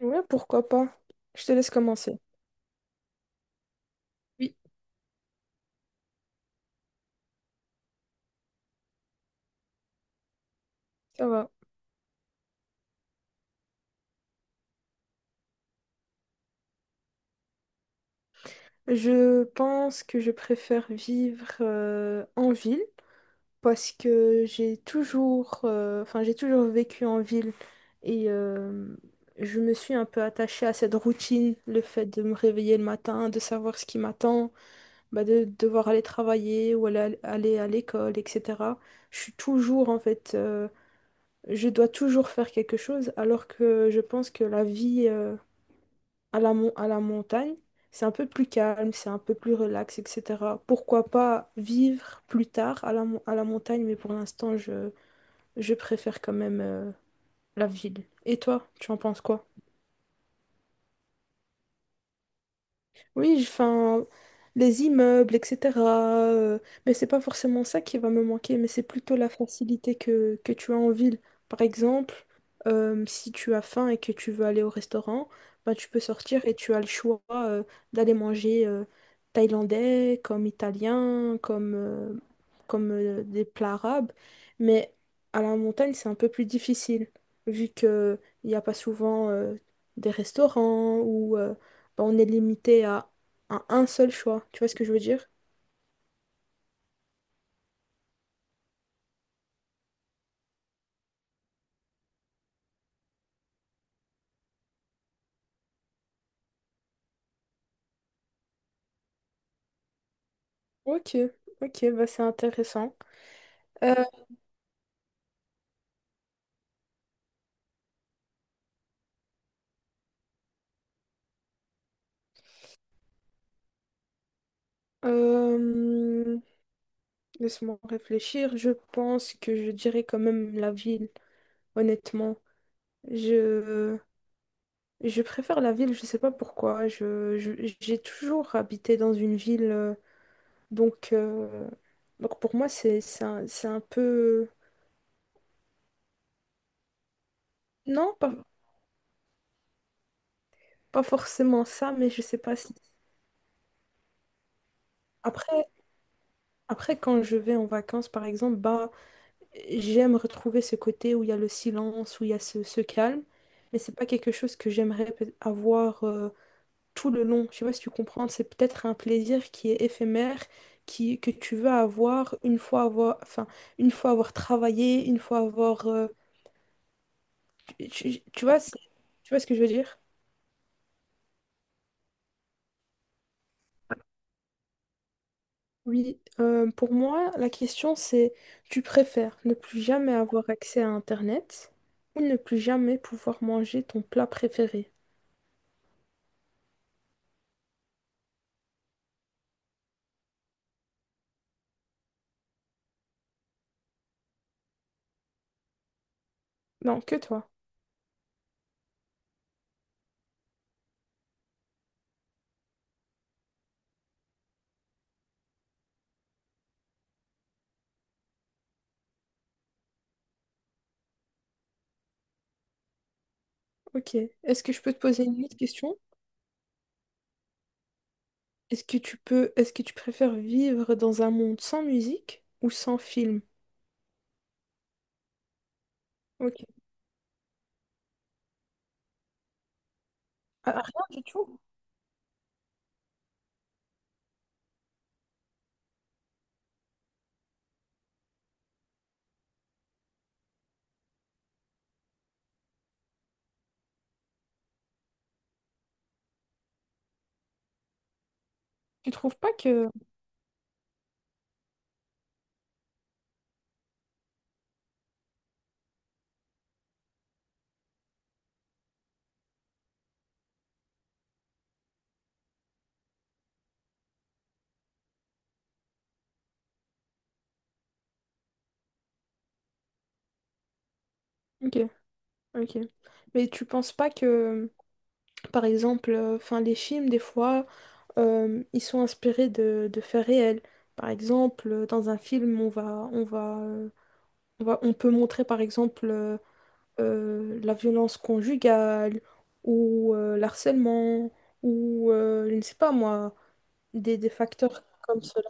Ouais, pourquoi pas. Je te laisse commencer. Oui. Ça va. Je pense que je préfère vivre en ville parce que enfin, j'ai toujours vécu en ville et je me suis un peu attachée à cette routine, le fait de me réveiller le matin, de savoir ce qui m'attend, bah, de devoir aller travailler ou aller à l'école, etc. Je suis toujours, en fait, je dois toujours faire quelque chose alors que je pense que la vie... à la montagne, c'est un peu plus calme, c'est un peu plus relax, etc. Pourquoi pas vivre plus tard à la montagne, mais pour l'instant, je préfère quand même la ville. Et toi, tu en penses quoi? Oui, enfin, les immeubles, etc. euh, mais c'est pas forcément ça qui va me manquer, mais c'est plutôt la facilité que tu as en ville. Par exemple, si tu as faim et que tu veux aller au restaurant, ben, tu peux sortir et tu as le choix d'aller manger thaïlandais, comme italien, comme des plats arabes. Mais à la montagne, c'est un peu plus difficile, vu qu'il n'y a pas souvent des restaurants bah, on est limité à un seul choix. Tu vois ce que je veux dire? Ok, ok, bah c'est intéressant. Euh, euh, Laisse-moi réfléchir. Je pense que je dirais quand même la ville, honnêtement. Je, je préfère la ville, je sais pas pourquoi. J'ai toujours habité dans une ville, donc, euh, donc pour moi c'est un peu. Non, pas forcément ça, mais je sais pas si. Après, après, quand je vais en vacances, par exemple, bah, j'aime retrouver ce côté où il y a le silence, où il y a ce calme, mais c'est pas quelque chose que j'aimerais avoir tout le long. Je sais pas si tu comprends, c'est peut-être un plaisir qui est éphémère, que tu veux avoir une fois avoir, enfin, une fois avoir travaillé, une fois avoir, tu vois, tu vois ce que je veux dire? Oui, pour moi, la question c'est, tu préfères ne plus jamais avoir accès à Internet ou ne plus jamais pouvoir manger ton plat préféré? Non, que toi. Ok. Est-ce que je peux te poser une petite question? Est-ce que tu préfères vivre dans un monde sans musique ou sans film? Ok. Ah, rien du tout? Tu trouves pas que. Ok, ok. Mais tu penses pas que, par exemple, enfin, les films, des fois, ils sont inspirés de faits réels. Par exemple, dans un film, on peut montrer, par exemple, la violence conjugale ou l'harcèlement ou, je ne sais pas moi des facteurs comme cela.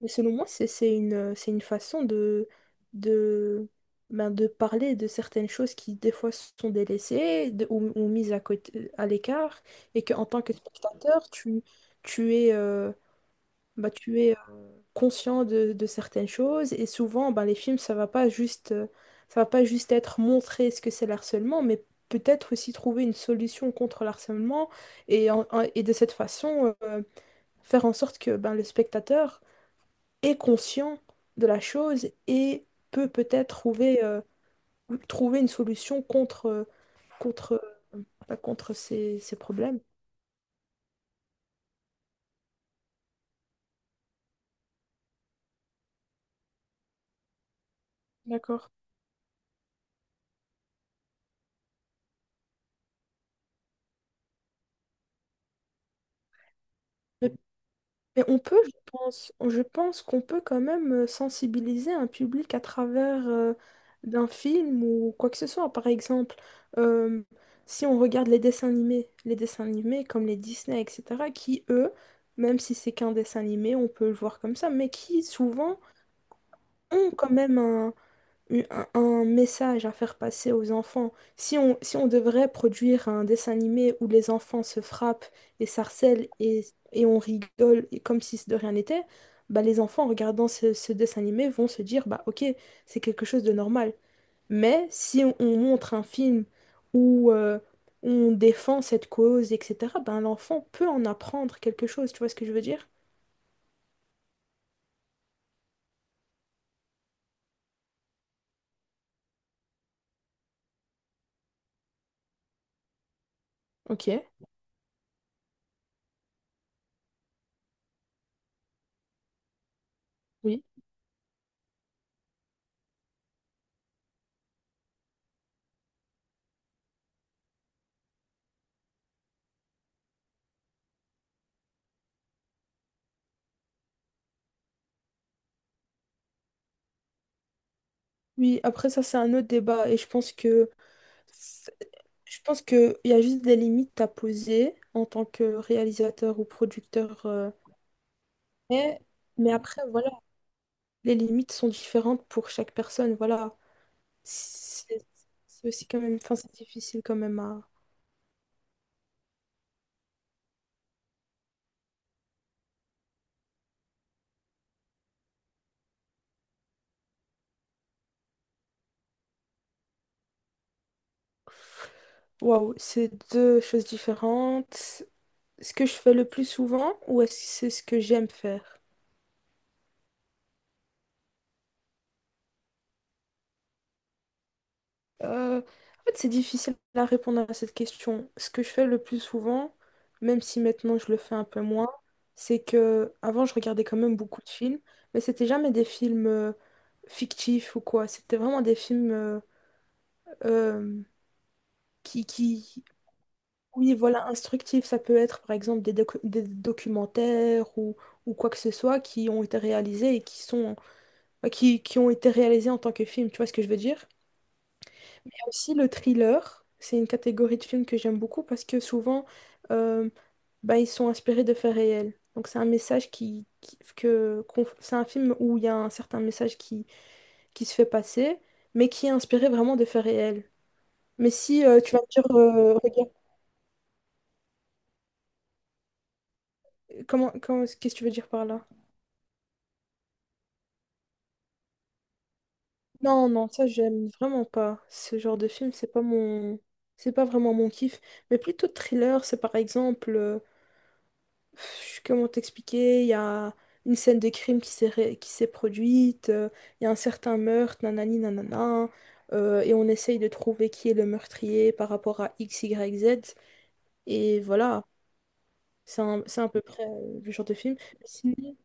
Mais selon moi, c'est une façon de, de, ben, de parler de certaines choses qui, des fois, sont délaissées ou mises à côté, à l'écart, et qu'en tant que spectateur, tu es, euh, ben, tu es conscient de certaines choses. Et souvent, ben, les films, ça va pas juste, ça va pas juste être montrer ce que c'est le harcèlement, mais peut-être aussi trouver une solution contre le harcèlement. Et de cette façon, faire en sorte que ben, le spectateur est conscient de la chose et peut peut-être trouver une solution contre, contre, pas contre ces problèmes. D'accord. Mais, mais on peut, je pense qu'on peut quand même sensibiliser un public à travers d'un film ou quoi que ce soit. Par exemple, euh, si on regarde les dessins animés comme les Disney, etc., qui, eux, même si c'est qu'un dessin animé, on peut le voir comme ça, mais qui souvent ont quand même un message à faire passer aux enfants. Si on devrait produire un dessin animé où les enfants se frappent et s'harcèlent et on rigole et comme si de rien n'était, bah les enfants en regardant ce dessin animé vont se dire bah ok, c'est quelque chose de normal. Mais si on montre un film où on défend cette cause, etc., ben l'enfant peut en apprendre quelque chose, tu vois ce que je veux dire? Ok, oui. Oui, après ça c'est un autre débat et je pense qu'il y a juste des limites à poser en tant que réalisateur ou producteur, mais, après, voilà, les limites sont différentes pour chaque personne. Voilà, c'est c'est aussi quand même, enfin, c'est difficile quand même à. Waouh, c'est deux choses différentes. Ce que je fais le plus souvent ou est-ce que c'est ce que j'aime faire? En fait, c'est difficile à répondre à cette question. Ce que je fais le plus souvent, même si maintenant je le fais un peu moins, c'est que avant je regardais quand même beaucoup de films, mais c'était jamais des films fictifs ou quoi. C'était vraiment des films euh, qui, qui, oui, voilà, instructifs. Ça peut être par exemple des documentaires ou quoi que ce soit qui ont été réalisés et qui sont, bah, qui ont été réalisés en tant que film. Tu vois ce que je veux dire? Aussi, le thriller, c'est une catégorie de films que j'aime beaucoup parce que souvent, euh, bah, ils sont inspirés de faits réels. Donc, c'est un message c'est un film où il y a un certain message qui se fait passer, mais qui est inspiré vraiment de faits réels. Mais si tu vas me dire, regarde, qu'est-ce que tu veux dire par là? Non, non, ça, j'aime vraiment pas. Ce genre de film, c'est pas vraiment mon kiff. Mais plutôt thriller, c'est par exemple, comment t'expliquer? Il y a une scène de crime qui s'est produite, il y a un certain meurtre, nanani nanana, et on essaye de trouver qui est le meurtrier par rapport à X, Y, Z, et voilà, c'est à peu près le genre de film. Sinon,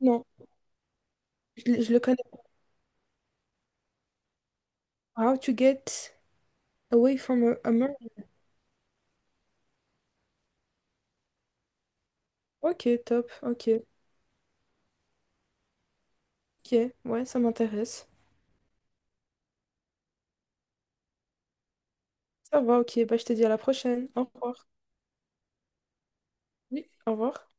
non, je le connais. How to get away from a murder. Ok, top, ok, ok, ouais, ça m'intéresse. Ça va, ok, bah je te dis à la prochaine, au revoir. Oui, au revoir.